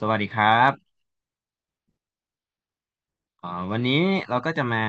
สวัสดีครับ อ๋อวันนี้เราก็จะมา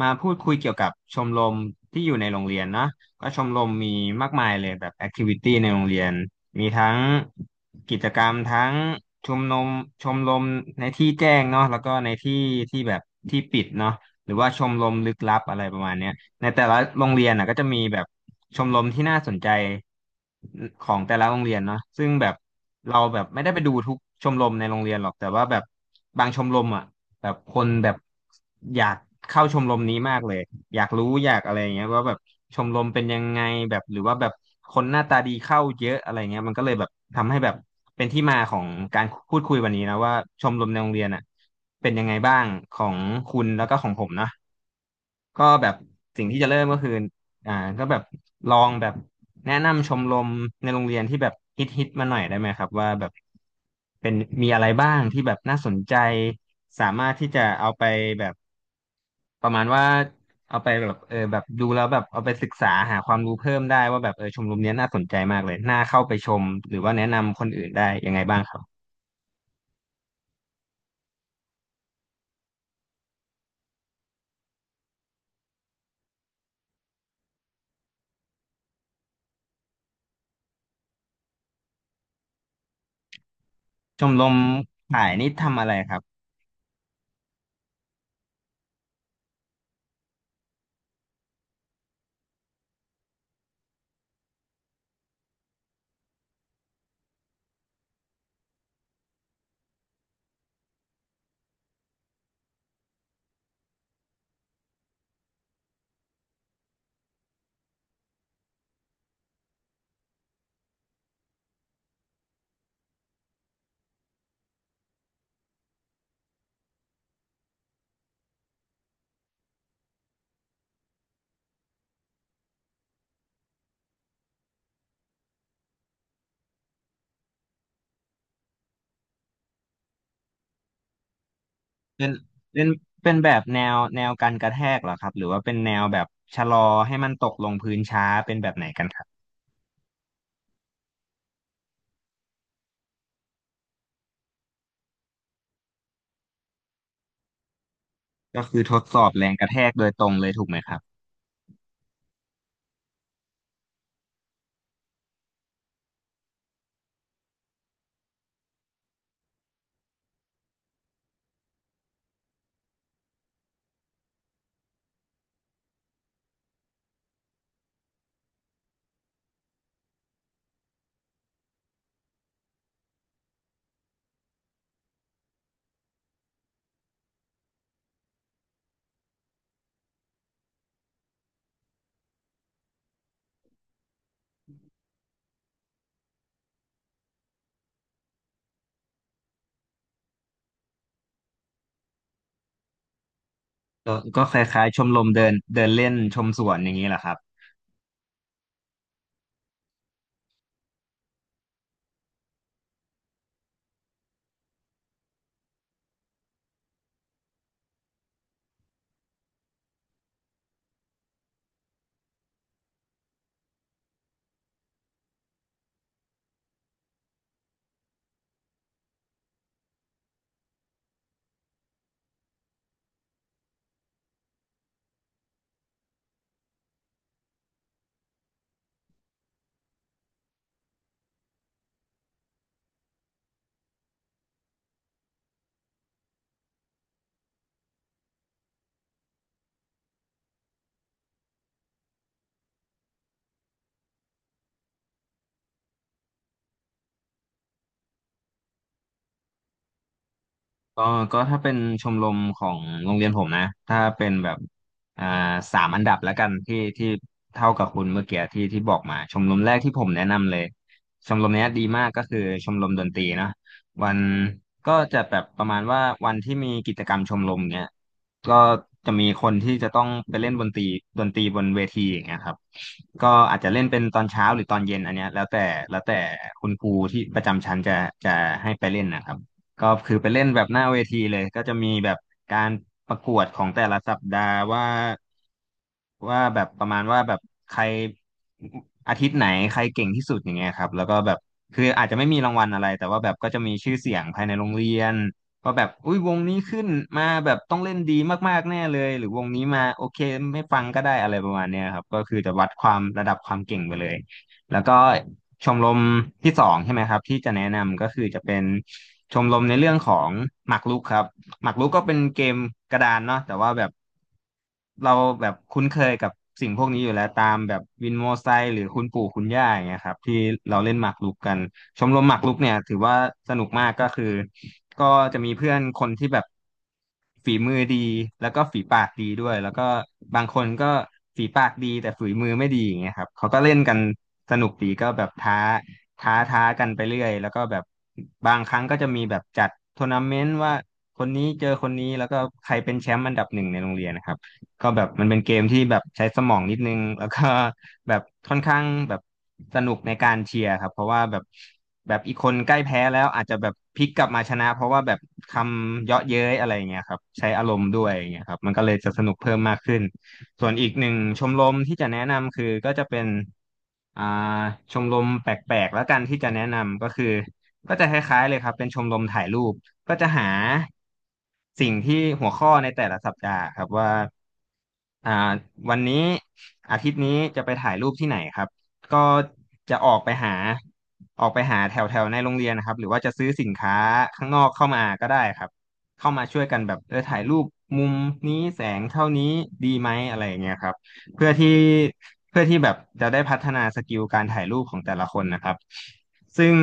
พูดคุยเกี่ยวกับชมรมที่อยู่ในโรงเรียนเนาะก็ชมรมมีมากมายเลยแบบแอคทิวิตี้ในโรงเรียนมีทั้งกิจกรรมทั้งชมรมชมรมในที่แจ้งเนาะแล้วก็ในที่ที่แบบที่ปิดเนาะหรือว่าชมรมลึกลับอะไรประมาณเนี้ยในแต่ละโรงเรียนน่ะก็จะมีแบบชมรมที่น่าสนใจของแต่ละโรงเรียนเนาะซึ่งแบบเราแบบไม่ได้ไปดูทุกชมรมในโรงเรียนหรอกแต่ว่าแบบบางชมรมอ่ะ แบบคนแบบอยากเข้าชมรมนี้มากเลยอยากรู้อยากอะไรอย่างเงี้ยว่าแบบชมรมเป็นยังไงแบบหรือว่าแบบคนหน้าตาดีเข้าเยอะอะไรเงี้ยมันก็เลยแบบทำให้แบบเป็นที่มาของการพูดคุยวันนี้นะว่าชมรมในโรงเรียนอ่ะเป็นยังไงบ้างของคุณแล้วก็ของผมนะก็แบบสิ่งที่จะเริ่มก็คือ อ่าก็แบบลองแบบแนะนำชมรมในโรงเรียนที่แบบฮิตมาหน่อยได้ไหมครับว่าแบบเป็นมีอะไรบ้างที่แบบน่าสนใจสามารถที่จะเอาไปแบบประมาณว่าเอาไปแบบแบบดูแล้วแบบเอาไปศึกษาหาความรู้เพิ่มได้ว่าแบบเออชมรมเนี้ยน่าสนใจมากเลยน่าเข้าไปชมหรือว่าแนะนำคนอื่นได้ยังไงบ้างครับชมรมขายนี่ทำอะไรครับ เป็นเป็นแบบแนวการกระแทกเหรอครับหรือว่าเป็นแนวแบบชะลอให้มันตกลงพื้นช้าเป็นแบบไหนกันครับก็คือทดสอบแรงกระแทกโดยตรงเลยถูกไหมครับก็คล้ายๆชมรมเดินเดินเล่นชมสวนอย่างนี้เหรอครับ ก็ถ้าเป็นชมรมของโรงเรียนผมนะถ้าเป็นแบบอ่าสามอันดับแล้วกันที่เท่ากับคุณเมื่อกี้ที่บอกมาชมรมแรกที่ผมแนะนำเลยชมรมเนี้ยดีมากก็คือชมรมดนตรีเนอะวันก็จะแบบประมาณว่าวันที่มีกิจกรรมชมรมเนี้ยก็จะมีคนที่จะต้องไปเล่นดนตรีบนเวทีอย่างเงี้ยครับก็อาจจะเล่นเป็นตอนเช้าหรือตอนเย็นอันเนี้ยแล้วแต่แล้วแต่คุณครูที่ประจำชั้นจะจะให้ไปเล่นนะครับ ก็คือไปเล่นแบบหน้าเวทีเลยก็จะมีแบบการประกวดของแต่ละสัปดาห์ว่าแบบประมาณว่าแบบใครอาทิตย์ไหนใครเก่งที่สุดอย่างเงี้ยครับแล้วก็แบบคืออาจจะไม่มีรางวัลอะไรแต่ว่าแบบก็จะมีชื่อเสียงภายในโรงเรียนว่าแบบอุ้ยวงนี้ขึ้นมาแบบต้องเล่นดีมากๆแน่เลยหรือวงนี้มาโอเคไม่ฟังก็ได้อะไรประมาณเนี้ยครับก็คือจะวัดความระดับความเก่งไปเลย แล้วก็ชมรมที่สองใช่ไหมครับที่จะแนะนำก็คือจะเป็นชมรมในเรื่องของหมากรุกครับหมากรุกก็เป็นเกมกระดานเนาะแต่ว่าแบบเราแบบคุ้นเคยกับสิ่งพวกนี้อยู่แล้วตามแบบวินโมไซค์หรือคุณปู่คุณย่าอย่างเงี้ยครับที่เราเล่นหมากรุกกันชมรมหมากรุกเนี่ยถือว่าสนุกมากก็คือก็จะมีเพื่อนคนที่แบบ ฝีมือดีแล้วก็ฝีปากดีด้วยแล้วก็บางคนก็ฝีปากดีแต่ฝีมือไม่ดีอย่างเงี้ยครับเขาก็เล่นกันสนุกดีก็แบบท้ากันไปเรื่อยแล้วก็แบบบางครั้งก็จะมีแบบจัดทัวร์นาเมนต์ว่าคนนี้เจอคนนี้แล้วก็ใครเป็นแชมป์อันดับหนึ่งในโรงเรียนนะครับ ก็แบบมันเป็นเกมที่แบบใช้สมองนิดนึงแล้วก็แบบค่อนข้างแบบสนุกในการเชียร์ครับเพราะว่าแบบแบบอีกคนใกล้แพ้แล้วอาจจะแบบพลิกกลับมาชนะเพราะว่าแบบคำเยาะเย้ยอะไรอย่างเงี้ยครับใช้อารมณ์ด้วยอย่างเงี้ยครับมันก็เลยจะสนุกเพิ่มมากขึ้นส่วนอีกหนึ่งชมรมที่จะแนะนำคือก็จะเป็นอ่าชมรมแปลกๆแล้วกันที่จะแนะนำก็คือก็จะคล้ายๆเลยครับเป็นชมรมถ่ายรูป ก็จะหาสิ่งที่หัวข้อในแต่ละสัปดาห์ครับว่าอ่าวันนี้อาทิตย์นี้จะไปถ่ายรูปที่ไหนครับก็จะออกไปหาออกไปหาแถวแถวในโรงเรียนนะครับหรือว่าจะซื้อสินค้าข้างนอกเข้ามาก็ได้ครับเข้ามาช่วยกันแบบถ่ายรูปมุมนี้แสงเท่านี้ดีไหมอะไรอย่างเงี้ยครับเพื่อที่เพื่อที่แบบจะได้พัฒนาสกิลการถ่ายรูปของแต่ละคนนะครับซึ่ง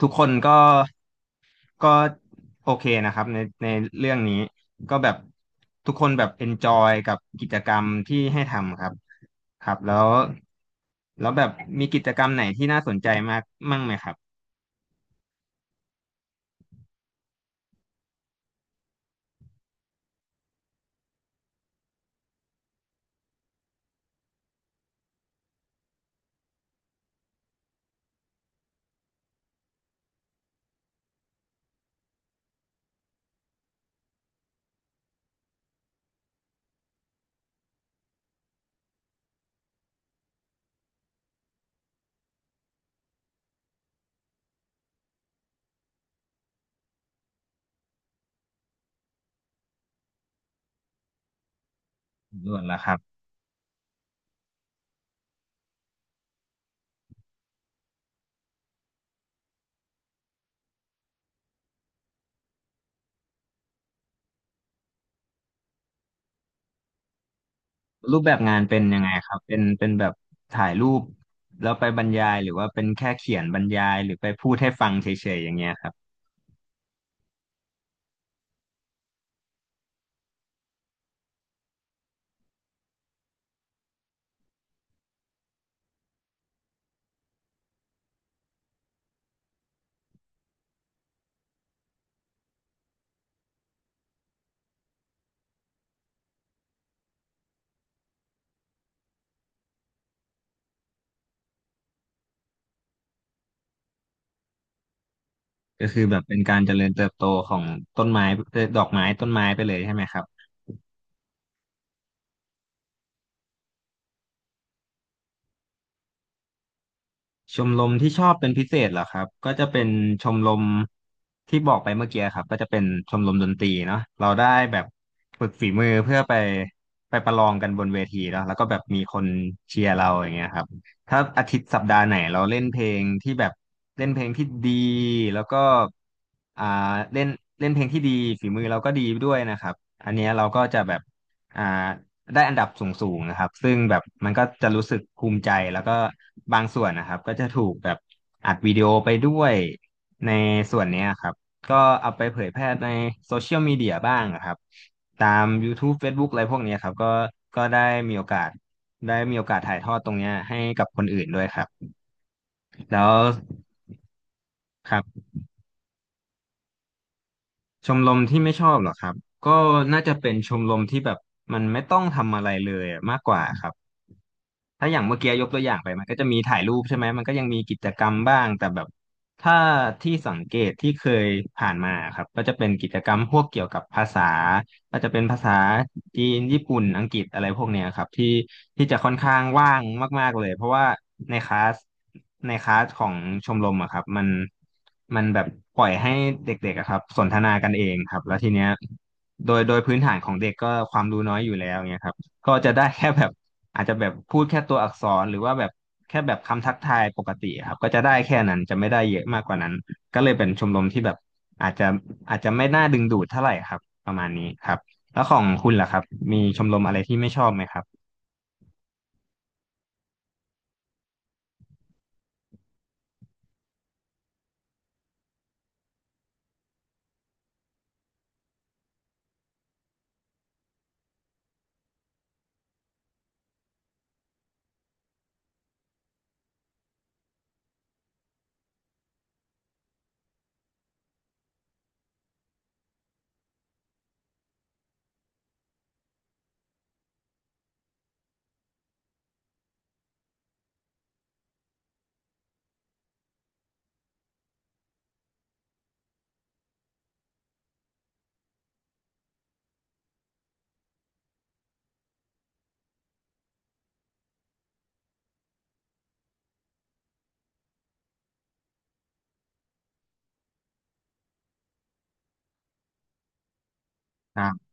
ทุกคนก็โอเคนะครับในเรื่องนี้ก็แบบทุกคนแบบเอนจอยกับกิจกรรมที่ให้ทำครับครับแล้วแบบมีกิจกรรมไหนที่น่าสนใจมากมั่งไหมครับส่วนละครับรูปแบบงานเป็นยังไงครับเป็นแบบถ่ายรูปแล้วไปบรรยายหรือว่าเป็นแค่เขียนบรรยายหรือไปพูดให้ฟังเฉยๆอย่างเงี้ยครับก็คือแบบเป็นการเจริญเติบโตของต้นไม้ดอกไม้ต้นไม้ไปเลยใช่ไหมครับ ชมรมที่ชอบเป็นพิเศษเหรอครับก็จะเป็นชมรมที่บอกไปเมื่อกี้ครับก็จะเป็นชมรมดนตรีเนาะเราได้แบบฝึกฝีมือเพื่อไปไปประลองกันบนเวทีเนาะแล้วก็แบบมีคนเชียร์เราอย่างเงี้ยครับถ้าอาทิตย์สัปดาห์ไหนเราเล่นเพลงที่แบบเล่นเพลงที่ดีแล้วก็อ่าเล่นเล่นเพลงที่ดีฝีมือเราก็ดีด้วยนะครับอันเนี้ยเราก็จะแบบอ่า ได้อันดับสูงๆนะครับซึ่งแบบมันก็จะรู้สึกภูมิใจ แล้วก็บางส่วนนะครับก็จะถูกแบบอัดวิดีโอไปด้วยในส่วนเนี้ยครับ ก็เอาไปเผยแพร่ในโซเชียลมีเดียบ้างนะครับตาม YouTube Facebook อะไรพวกเนี้ยครับก็ก็ได้มีโอกาสได้มีโอกาสถ่ายทอดตรงเนี้ยให้กับคนอื่นด้วยครับ แล้วครับชมรมที่ไม่ชอบเหรอครับ ก็น่าจะเป็นชมรมที่แบบมันไม่ต้องทำอะไรเลยอะมากกว่าครับ ถ้าอย่างเมื่อกี้ยกตัวอย่างไปมันก็จะมีถ่ายรูปใช่ไหมมันก็ยังมีกิจกรรมบ้างแต่แบบถ้าที่สังเกตที่เคยผ่านมาครับก็จะเป็นกิจกรรมพวกเกี่ยวกับภาษาก็จะเป็นภาษาจีนญี่ปุ่นอังกฤษอะไรพวกเนี้ยครับที่จะค่อนข้างว่างมากๆเลยเพราะว่าในคลาสในคลาสของชมรมอะครับมันแบบปล่อยให้เด็กๆอะครับสนทนากันเองครับแล้วทีเนี้ยโดยพื้นฐานของเด็กก็ความรู้น้อยอยู่แล้วเนี่ยครับก็จะได้แค่แบบ อาจจะแบบพูดแค่ตัวอักษรหรือว่าแบบแค่แบบคำทักทายปกติครับก็จะได้แค่นั้นจะไม่ได้เยอะมากกว่านั้นก็เลยเป็นชมรมที่แบบอาจจะอาจจะไม่น่าดึงดูดเท่าไหร่ครับประมาณนี้ครับแล้วของคุณล่ะครับมีชมรมอะไรที่ไม่ชอบไหมครับอ่า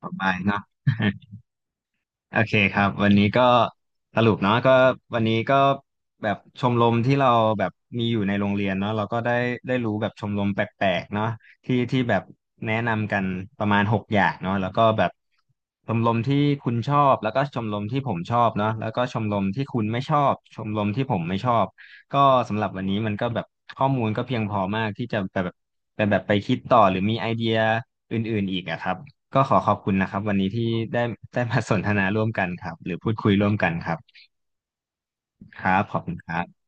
ต่อไปเนาะ โอเคครับวันนี้ก็สรุปเนาะก็วันนี้ก็แบบชมรมที่เราแบบมีอยู่ในโรงเรียนเนาะเราก็ได้ได้รู้แบบชมรมแปลกๆเนาะที่แบบแนะนำกันประมาณ6อย่างเนาะแล้วก็แบบชมรมที่คุณชอบแล้วก็ชมรมที่ผมชอบเนาะแล้วก็ชมรมที่คุณไม่ชอบชมรมที่ผมไม่ชอบก็สำหรับวันนี้มันก็แบบข้อมูลก็เพียงพอมากที่จะแบบแบบไปคิดต่อหรือมีไอเดียอื่นๆอีกอะครับ ก็ขอบคุณนะครับวันนี้ที่ได้ได้มาสนทนาร่วมกันครับหรือพูดคุยร่วมกันครับครับขอบคุณครับ